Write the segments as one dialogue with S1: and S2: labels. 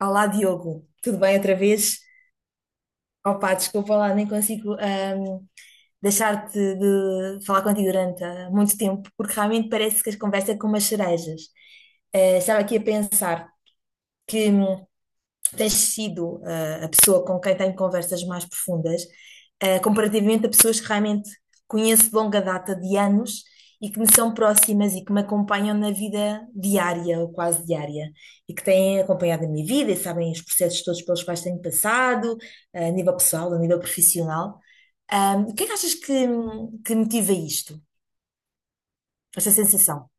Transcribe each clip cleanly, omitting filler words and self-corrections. S1: Olá, Diogo. Tudo bem outra vez? Opa, desculpa lá, nem consigo deixar-te de falar contigo durante muito tempo, porque realmente parece que as conversas é com umas cerejas. Estava aqui a pensar que tens sido a pessoa com quem tenho conversas mais profundas, comparativamente a pessoas que realmente conheço de longa data, de anos, e que me são próximas e que me acompanham na vida diária ou quase diária, e que têm acompanhado a minha vida e sabem os processos todos pelos quais tenho passado, a nível pessoal, a nível profissional. O que é que achas que, motiva isto, esta sensação?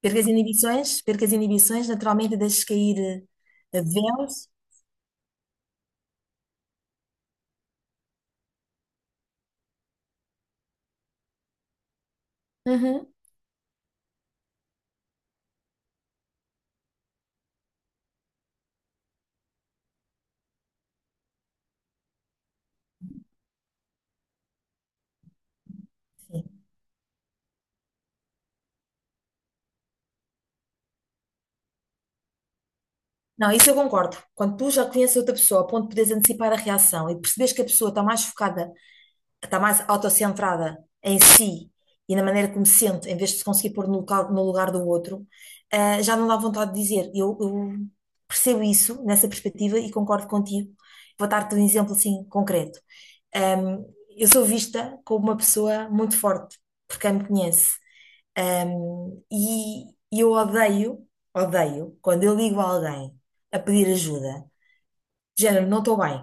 S1: Perca as inibições, naturalmente deixes cair véus. Uhum. Sim. Não, isso eu concordo. Quando tu já conheces outra pessoa, a ponto de poderes antecipar a reação e percebes que a pessoa está mais focada, está mais autocentrada em si e na maneira como se sente, em vez de se conseguir pôr no lugar do outro, já não dá vontade de dizer. Eu percebo isso nessa perspectiva e concordo contigo. Vou dar-te um exemplo assim concreto. Eu sou vista como uma pessoa muito forte, porque quem me conhece. E eu odeio, odeio, quando eu ligo a alguém a pedir ajuda, do género, não estou bem.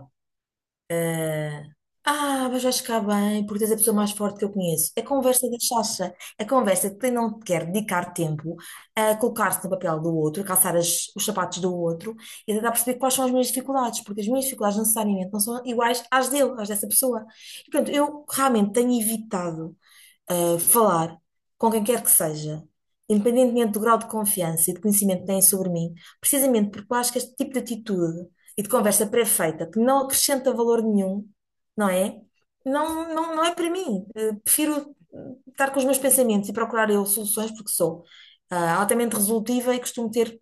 S1: Mas vais ficar bem, porque tens a pessoa mais forte que eu conheço. É conversa da chacha. É conversa que quem não te quer dedicar tempo a colocar-se no papel do outro, a calçar os sapatos do outro e tentar perceber quais são as minhas dificuldades, porque as minhas dificuldades necessariamente não são iguais às dele, às dessa pessoa. E, portanto, eu realmente tenho evitado falar com quem quer que seja, independentemente do grau de confiança e de conhecimento que têm sobre mim, precisamente porque eu acho que este tipo de atitude e de conversa pré-feita, que não acrescenta valor nenhum, não é? Não, não, não é para mim. Prefiro estar com os meus pensamentos e procurar eu soluções, porque sou, uh, altamente resolutiva e costumo ter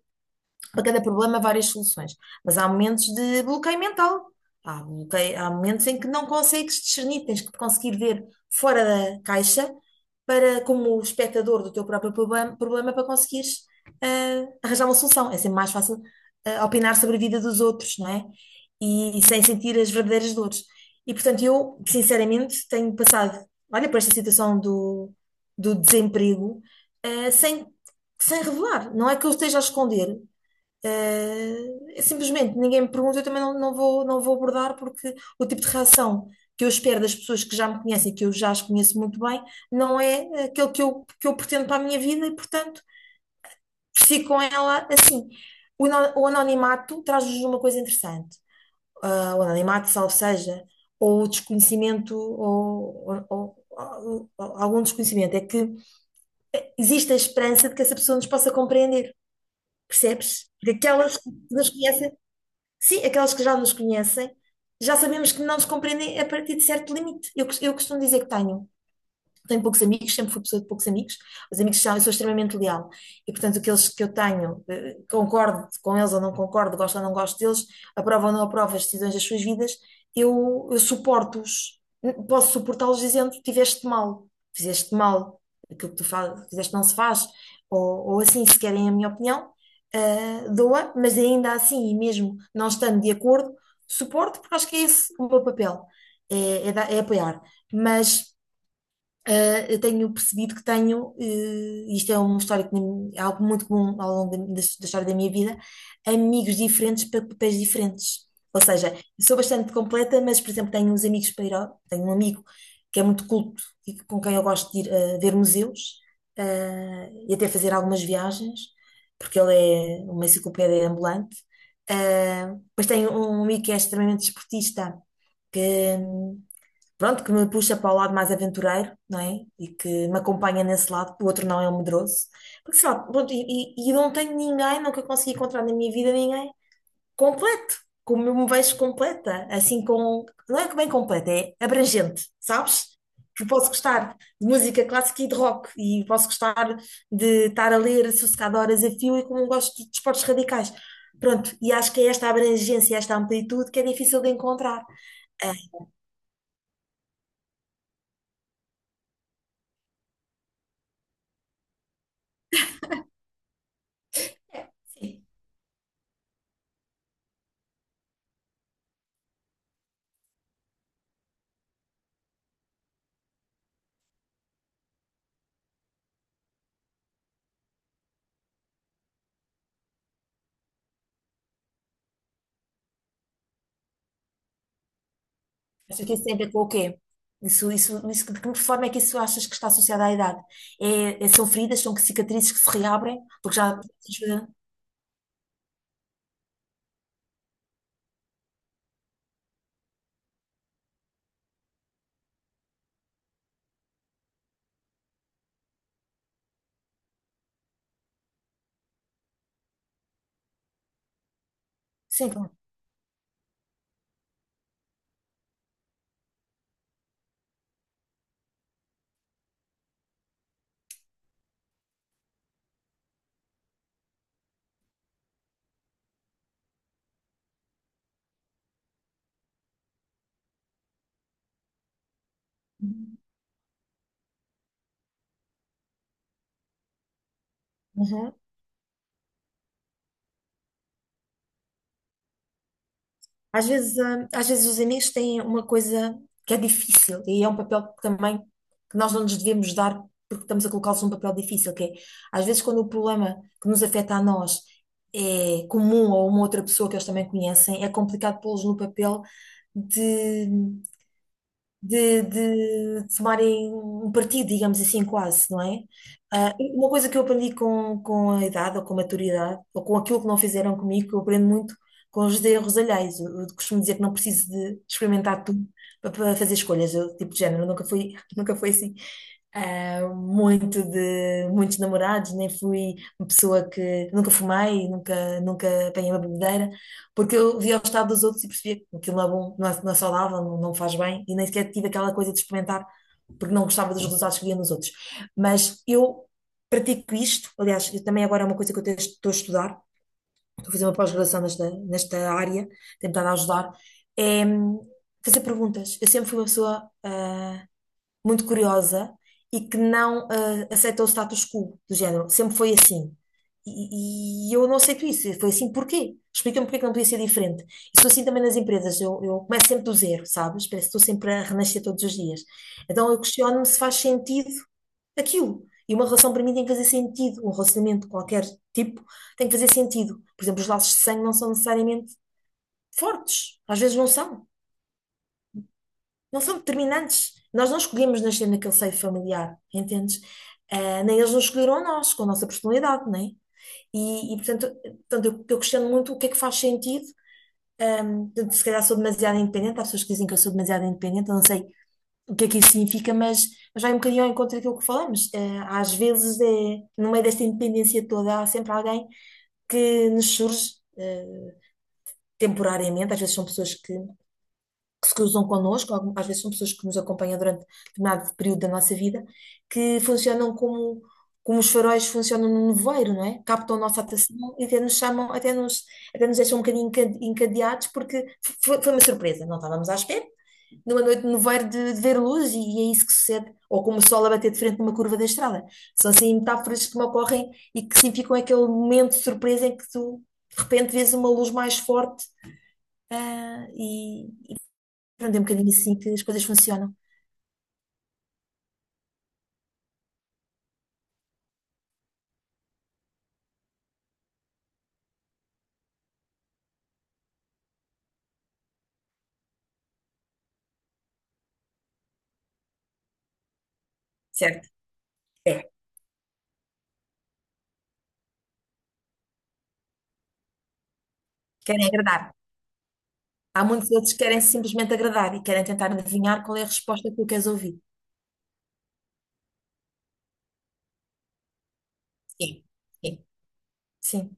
S1: para cada problema várias soluções. Mas há momentos de bloqueio mental. Há momentos em que não consegues discernir, tens que conseguir ver fora da caixa para, como espectador do teu próprio problema para conseguires arranjar uma solução. É sempre mais fácil opinar sobre a vida dos outros, não é? E, sem sentir as verdadeiras dores. E portanto, eu, sinceramente, tenho passado, olha, por esta situação do desemprego, ah, sem, sem revelar. Não é que eu esteja a esconder, é simplesmente ninguém me pergunta, eu também não, não vou abordar, porque o tipo de reação que eu espero das pessoas que já me conhecem, que eu já as conheço muito bem, não é aquele que eu pretendo para a minha vida e, portanto, fico com ela assim. O anonimato traz-nos uma coisa interessante. O anonimato, salvo seja, ou o desconhecimento, ou algum desconhecimento, é que existe a esperança de que essa pessoa nos possa compreender, percebes? Porque aquelas que nos conhecem, sim, aquelas que já nos conhecem, já sabemos que não nos compreendem a partir de certo limite. Eu costumo dizer que tenho poucos amigos, sempre fui pessoa de poucos amigos, os amigos são, eu sou extremamente leal e, portanto, aqueles que eu tenho, concordo com eles ou não concordo, gosto ou não gosto deles, aprovo ou não aprovo as decisões das suas vidas, eu suporto-os, posso suportá-los dizendo: tiveste mal, fizeste mal, aquilo que tu faz, fizeste não se faz, ou assim, se querem a minha opinião, doa, mas ainda assim, e mesmo não estando de acordo, suporto, porque acho que é esse o meu papel, é apoiar. Mas eu tenho percebido que tenho, isto é uma história que é algo muito comum ao longo da história da minha vida, amigos diferentes para papéis diferentes. Ou seja, sou bastante completa, mas, por exemplo, tenho uns amigos para ir tenho um amigo que é muito culto com quem eu gosto de ir ver museus, e até fazer algumas viagens, porque ele é uma enciclopédia ambulante. Depois tenho um amigo que é extremamente desportista, pronto, que me puxa para o lado mais aventureiro, não é? E que me acompanha nesse lado, o outro não é um medroso. Porque sei lá, pronto, e eu não tenho ninguém, nunca consegui encontrar na minha vida ninguém completo, como eu me vejo completa, assim com, não é que bem completa, é abrangente, sabes? Eu posso gostar de música clássica e de rock, e posso gostar de estar a ler sossegado horas a fio, e como gosto de desportos radicais. Pronto, e acho que é esta abrangência, esta amplitude que é difícil de encontrar. Ah, sim. Achas que isso tem a ver com o quê? Isso, de que forma é que isso achas que está associado à idade? São feridas, são cicatrizes que se reabrem? Porque já. Sim, claro. Uhum. Às vezes, os amigos têm uma coisa que é difícil e é um papel que também que nós não nos devemos dar porque estamos a colocá-los num papel difícil, que é, às vezes quando o problema que nos afeta a nós é comum a uma outra pessoa que eles também conhecem, é complicado pô-los no papel de de tomarem um partido, digamos assim, quase, não é? E uma coisa que eu aprendi com a idade ou com a maturidade, ou com aquilo que não fizeram comigo, que eu aprendo muito com os erros alheios. Eu costumo dizer que não preciso de experimentar tudo para fazer escolhas, eu, tipo de género, nunca fui, nunca fui assim. Muito de muitos namorados, nem fui uma pessoa que nunca fumei, nunca apanhei uma bebedeira. Porque eu via o estado dos outros e percebia que aquilo não é bom, não é saudável, não faz bem, e nem sequer tive aquela coisa de experimentar, porque não gostava dos resultados que via nos outros. Mas eu pratico isto, aliás, eu também agora é uma coisa que eu estou a estudar, estou a fazer uma pós-graduação nesta área, tenho estado a ajudar, é fazer perguntas. Eu sempre fui uma pessoa muito curiosa e que não aceita o status quo do género. Sempre foi assim. E eu não aceito isso. Foi assim porquê? Explica-me porquê que não podia ser diferente. E sou assim também nas empresas. Eu começo sempre do zero, sabes? Parece que estou sempre a renascer todos os dias. Então eu questiono-me se faz sentido aquilo. E uma relação para mim tem que fazer sentido. Um relacionamento de qualquer tipo tem que fazer sentido. Por exemplo, os laços de sangue não são necessariamente fortes. Às vezes não são não são determinantes. Nós não escolhemos nascer naquele seio familiar, entendes? Nem eles nos escolheram a nós, com a nossa personalidade, não é? E, portanto, eu questiono muito o que é que faz sentido. Portanto, se calhar sou demasiado independente, há pessoas que dizem que eu sou demasiado independente, eu não sei o que é que isso significa, mas, vai um bocadinho ao encontro daquilo que falamos. Ah, às vezes, é, no meio desta independência toda, há sempre alguém que nos surge temporariamente, às vezes são pessoas que se cruzam connosco, às vezes são pessoas que nos acompanham durante determinado período da nossa vida, que funcionam como, como os faróis funcionam no nevoeiro, não é? Captam a nossa atenção e até nos chamam, até nos deixam um bocadinho encadeados, porque foi uma surpresa, não estávamos à espera. Numa noite de nevoeiro de ver luz, e, é isso que sucede, ou como o sol a bater de frente numa curva da estrada. São assim metáforas que me ocorrem e que significam aquele momento de surpresa em que tu, de repente, vês uma luz mais forte. Ah, e, Pronto, é um bocadinho assim que as coisas funcionam. Certo. É. Querem agradar. Há muitos outros que querem simplesmente agradar e querem tentar adivinhar qual é a resposta que tu queres ouvir. Sim. Sim. Sim.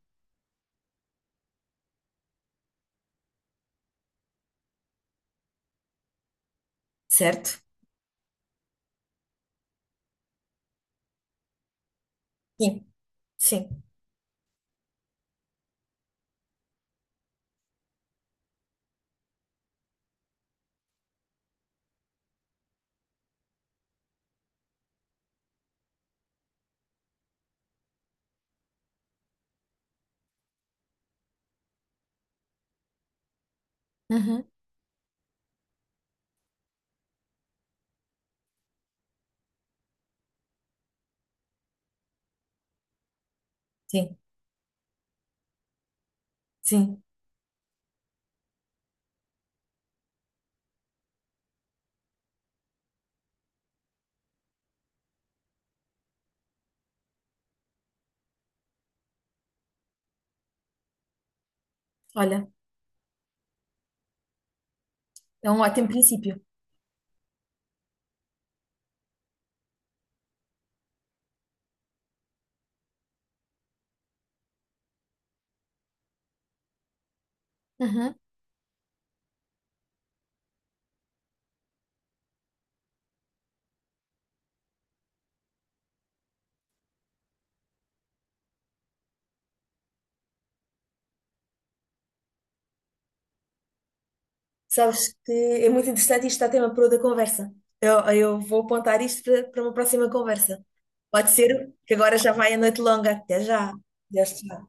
S1: Certo? Sim. Sim. Uhum. Sim. Sim. Olha, é um ótimo princípio. Uhum. Sabes que é muito interessante e isto está tema para outra conversa. Eu vou apontar isto para uma próxima conversa. Pode ser, que agora já vai a noite longa. Até já. Até já.